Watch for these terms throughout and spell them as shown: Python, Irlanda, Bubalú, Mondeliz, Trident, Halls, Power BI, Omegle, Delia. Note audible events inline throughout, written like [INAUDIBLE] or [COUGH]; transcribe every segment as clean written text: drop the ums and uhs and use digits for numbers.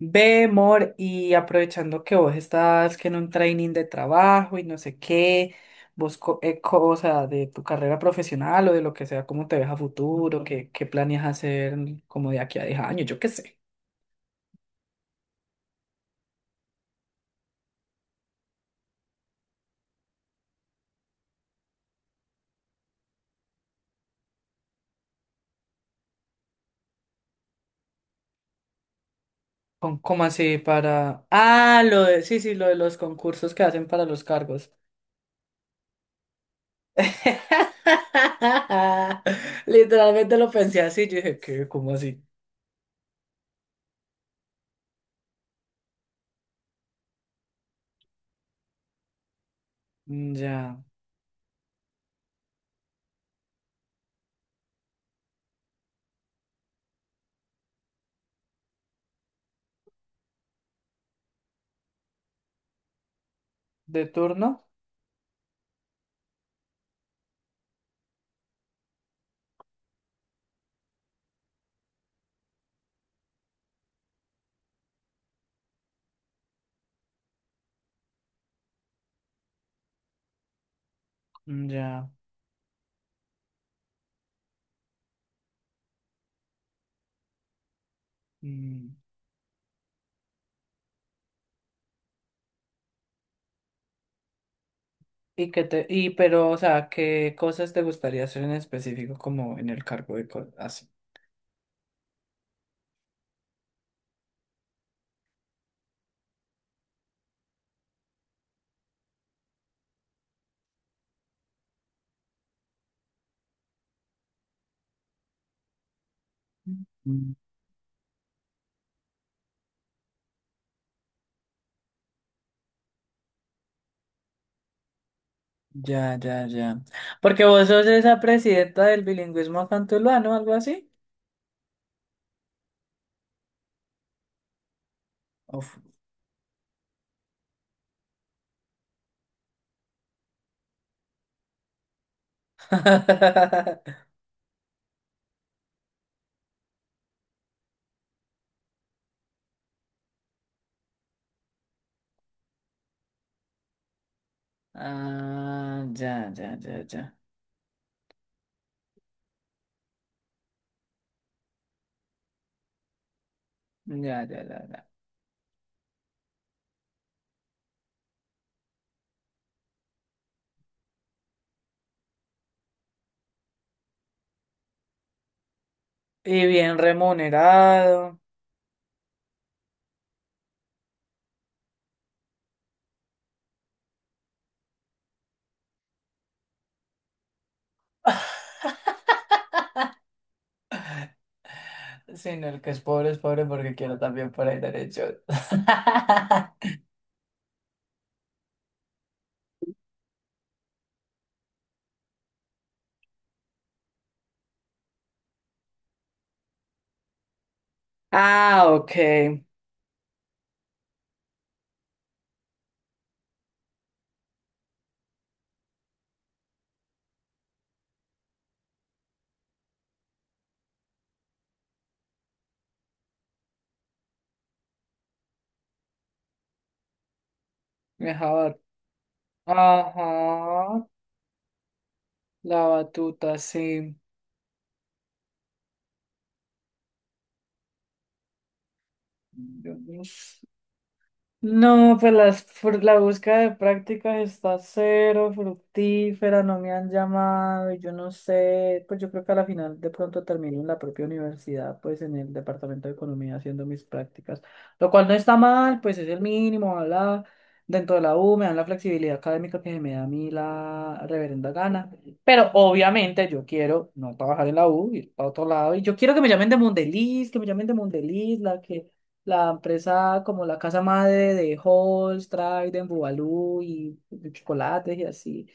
Ve, amor, y aprovechando que vos estás que en un training de trabajo y no sé qué, vos co cosa de tu carrera profesional o de lo que sea, ¿cómo te ves a futuro? Qué planeas hacer como de aquí a 10 años, yo qué sé. Con, ¿cómo así para...? Ah, lo de... Sí, sí, lo de los concursos que hacen para los cargos. [LAUGHS] Literalmente lo pensé así, yo dije, ¿qué? ¿Cómo así? Mm, ya. ¿De turno? Mm, ya. Mm. Y que te, y pero, o sea, ¿qué cosas te gustaría hacer en específico como en el cargo de cosas así? Mm, ya, ya, ya. Porque vos sos esa presidenta del bilingüismo acá, ¿no? Algo así. Uf. [LAUGHS] Ah, ya, ya, ya, ya. Ya, ya, ya, ya. Y bien remunerado. [LAUGHS] Sino el que es pobre porque quiero también por ahí derechos. [LAUGHS] Ah, ok. Mejor. Ajá. La batuta, sí. Dios. No, pues la búsqueda de prácticas está cero fructífera, no me han llamado, y yo no sé, pues yo creo que a la final de pronto termino en la propia universidad, pues en el departamento de economía haciendo mis prácticas, lo cual no está mal, pues es el mínimo, bla, dentro de la U me dan la flexibilidad académica que me da a mí la reverenda gana, pero obviamente yo quiero no trabajar en la U, ir a otro lado, y yo quiero que me llamen de Mondeliz, que me llamen de Mondeliz, la empresa como la casa madre de Halls, Trident, Bubalú y de chocolates y así.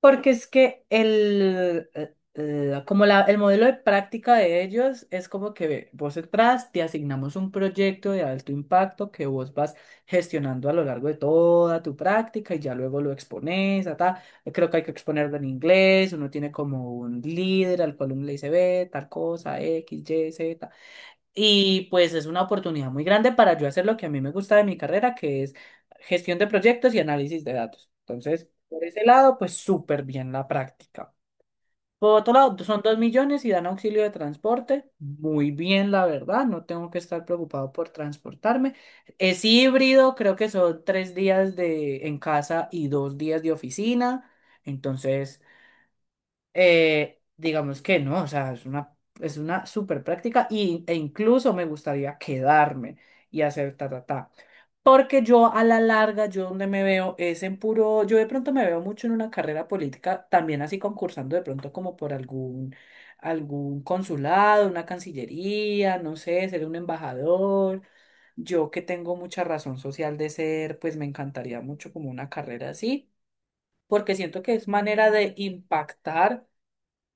Porque es que el modelo de práctica de ellos es como que vos entras, te asignamos un proyecto de alto impacto que vos vas gestionando a lo largo de toda tu práctica y ya luego lo expones, ta, ta. Creo que hay que exponerlo en inglés, uno tiene como un líder al cual uno le dice, ve, tal cosa, X, Y, Z. Y pues es una oportunidad muy grande para yo hacer lo que a mí me gusta de mi carrera, que es gestión de proyectos y análisis de datos. Entonces, por ese lado, pues súper bien la práctica. Por otro lado, son 2 millones y dan auxilio de transporte. Muy bien, la verdad, no tengo que estar preocupado por transportarme. Es híbrido, creo que son 3 días de en casa y 2 días de oficina. Entonces, digamos que no, o sea, es una súper práctica y, e incluso me gustaría quedarme y hacer ta, ta, ta. Porque yo a la larga, yo donde me veo es en puro, yo de pronto me veo mucho en una carrera política, también así concursando de pronto como por algún, algún consulado, una cancillería, no sé, ser un embajador. Yo que tengo mucha razón social de ser, pues me encantaría mucho como una carrera así, porque siento que es manera de impactar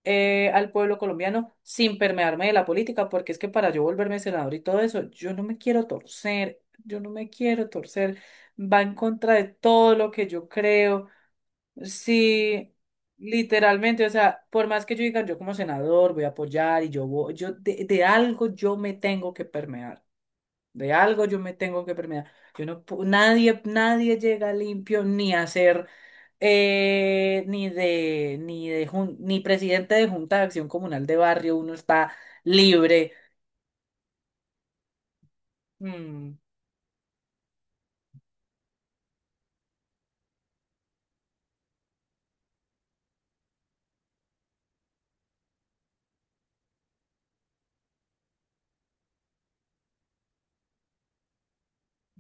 al pueblo colombiano sin permearme de la política, porque es que para yo volverme senador y todo eso, yo no me quiero torcer, yo no me quiero torcer, va en contra de todo lo que yo creo, sí, literalmente, o sea, por más que yo diga yo como senador voy a apoyar y yo voy, yo de algo yo me tengo que permear. De algo yo me tengo que permear. Yo no, nadie, nadie llega limpio ni a ser ni ni presidente de Junta de Acción Comunal de Barrio, uno está libre. Mm,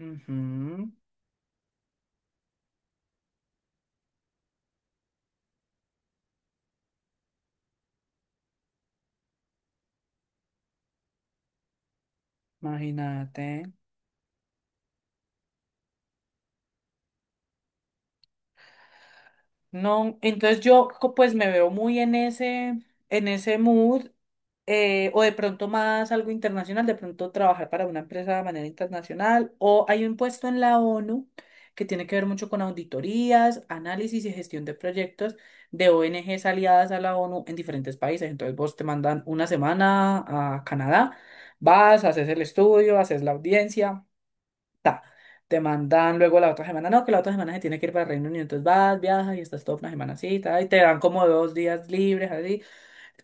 ujú, imagínate. No, entonces pues me veo muy en ese mood, o de pronto más algo internacional, de pronto trabajar para una empresa de manera internacional, o hay un puesto en la ONU que tiene que ver mucho con auditorías, análisis y gestión de proyectos de ONGs aliadas a la ONU en diferentes países. Entonces vos te mandan una semana a Canadá, vas, haces el estudio, haces la audiencia. Ta, te mandan luego la otra semana, no, que la otra semana se tiene que ir para Reino Unido, entonces vas, viajas y estás toda una semanacita y te dan como 2 días libres, así,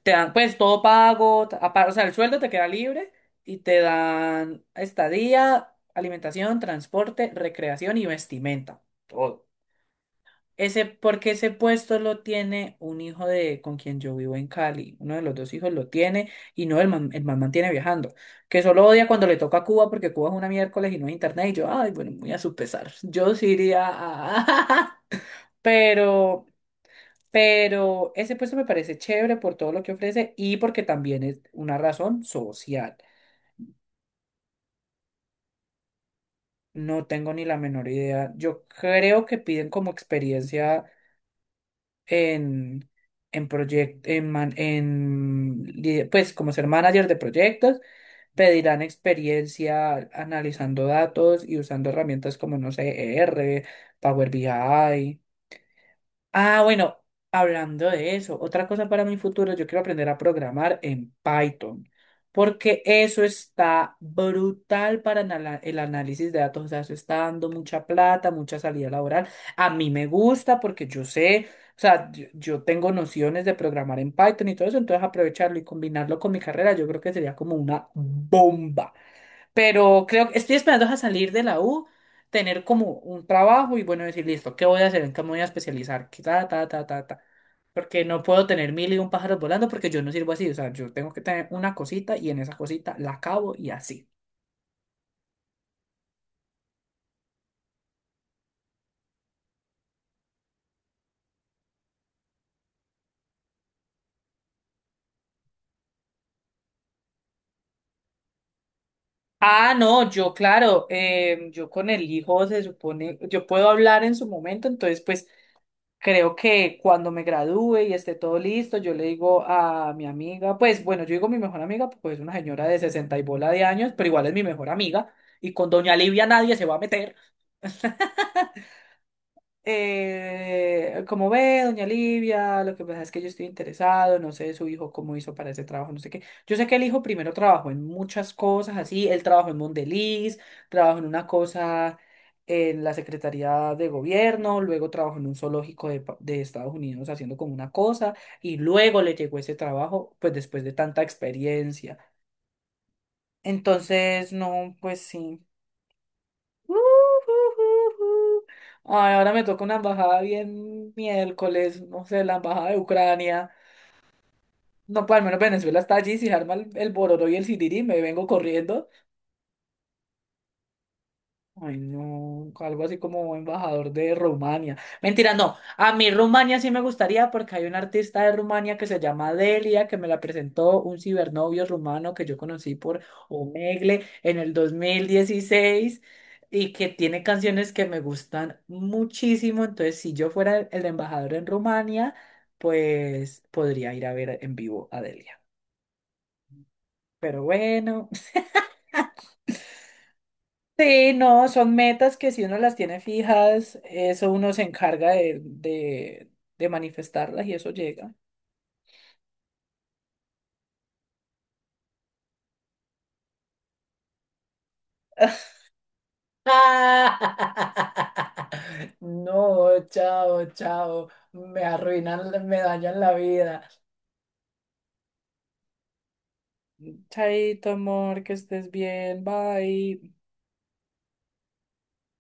te dan pues todo pago, o sea, el sueldo te queda libre y te dan estadía, alimentación, transporte, recreación y vestimenta, todo. Ese, porque ese puesto lo tiene un hijo de con quien yo vivo en Cali. Uno de los dos hijos lo tiene y no, el man mantiene viajando. Que solo odia cuando le toca a Cuba porque Cuba es una miércoles y no hay internet. Y yo, ay, bueno, muy a su pesar. Yo sí iría a... [LAUGHS] Pero, pero ese puesto me parece chévere por todo lo que ofrece y porque también es una razón social. No tengo ni la menor idea. Yo creo que piden como experiencia en, en proyectos, en, man- en li- pues como ser manager de proyectos, pedirán experiencia analizando datos y usando herramientas como, no sé, ER, Power BI. Ah, bueno, hablando de eso, otra cosa para mi futuro, yo quiero aprender a programar en Python, porque eso está brutal para el análisis de datos, o sea, eso está dando mucha plata, mucha salida laboral. A mí me gusta porque yo sé, o sea, yo tengo nociones de programar en Python y todo eso, entonces aprovecharlo y combinarlo con mi carrera, yo creo que sería como una bomba. Pero creo que estoy esperando a salir de la U, tener como un trabajo y bueno, decir, listo, ¿qué voy a hacer? ¿En qué me voy a especializar? Que ta, ta, ta, ta, ta. Porque no puedo tener mil y un pájaros volando porque yo no sirvo así. O sea, yo tengo que tener una cosita y en esa cosita la acabo y así. Ah, no, yo claro, yo con el hijo se supone, yo puedo hablar en su momento, entonces pues creo que cuando me gradúe y esté todo listo, yo le digo a mi amiga, pues bueno, yo digo mi mejor amiga, pues es una señora de 60 y bola de años, pero igual es mi mejor amiga, y con doña Livia nadie se va a meter, como ve, doña Livia, lo que pasa es que yo estoy interesado, no sé su hijo cómo hizo para ese trabajo, no sé qué. Yo sé que el hijo primero trabajó en muchas cosas así, él trabajó en Mondeliz, trabajó en una cosa en la Secretaría de Gobierno, luego trabajó en un zoológico de, de Estados Unidos haciendo como una cosa, y luego le llegó ese trabajo, pues después de tanta experiencia. Entonces, no, pues sí. Uh, uh, uh, Ay, ahora me toca una embajada bien miércoles, no sé, la embajada de Ucrania. No, pues al menos Venezuela está allí, si se arma el bororo y el sirirí, me vengo corriendo. Ay, no, algo así como embajador de Rumania. Mentira, no. A mí Rumania sí me gustaría porque hay un artista de Rumania que se llama Delia, que me la presentó un cibernovio rumano que yo conocí por Omegle en el 2016 y que tiene canciones que me gustan muchísimo. Entonces, si yo fuera el embajador en Rumania, pues podría ir a ver en vivo a Delia. Pero bueno. Sí, no, son metas que si uno las tiene fijas, eso uno se encarga de manifestarlas y eso llega. [LAUGHS] No, chao, chao. Me arruinan, me dañan la vida. Chaito, amor, que estés bien, bye.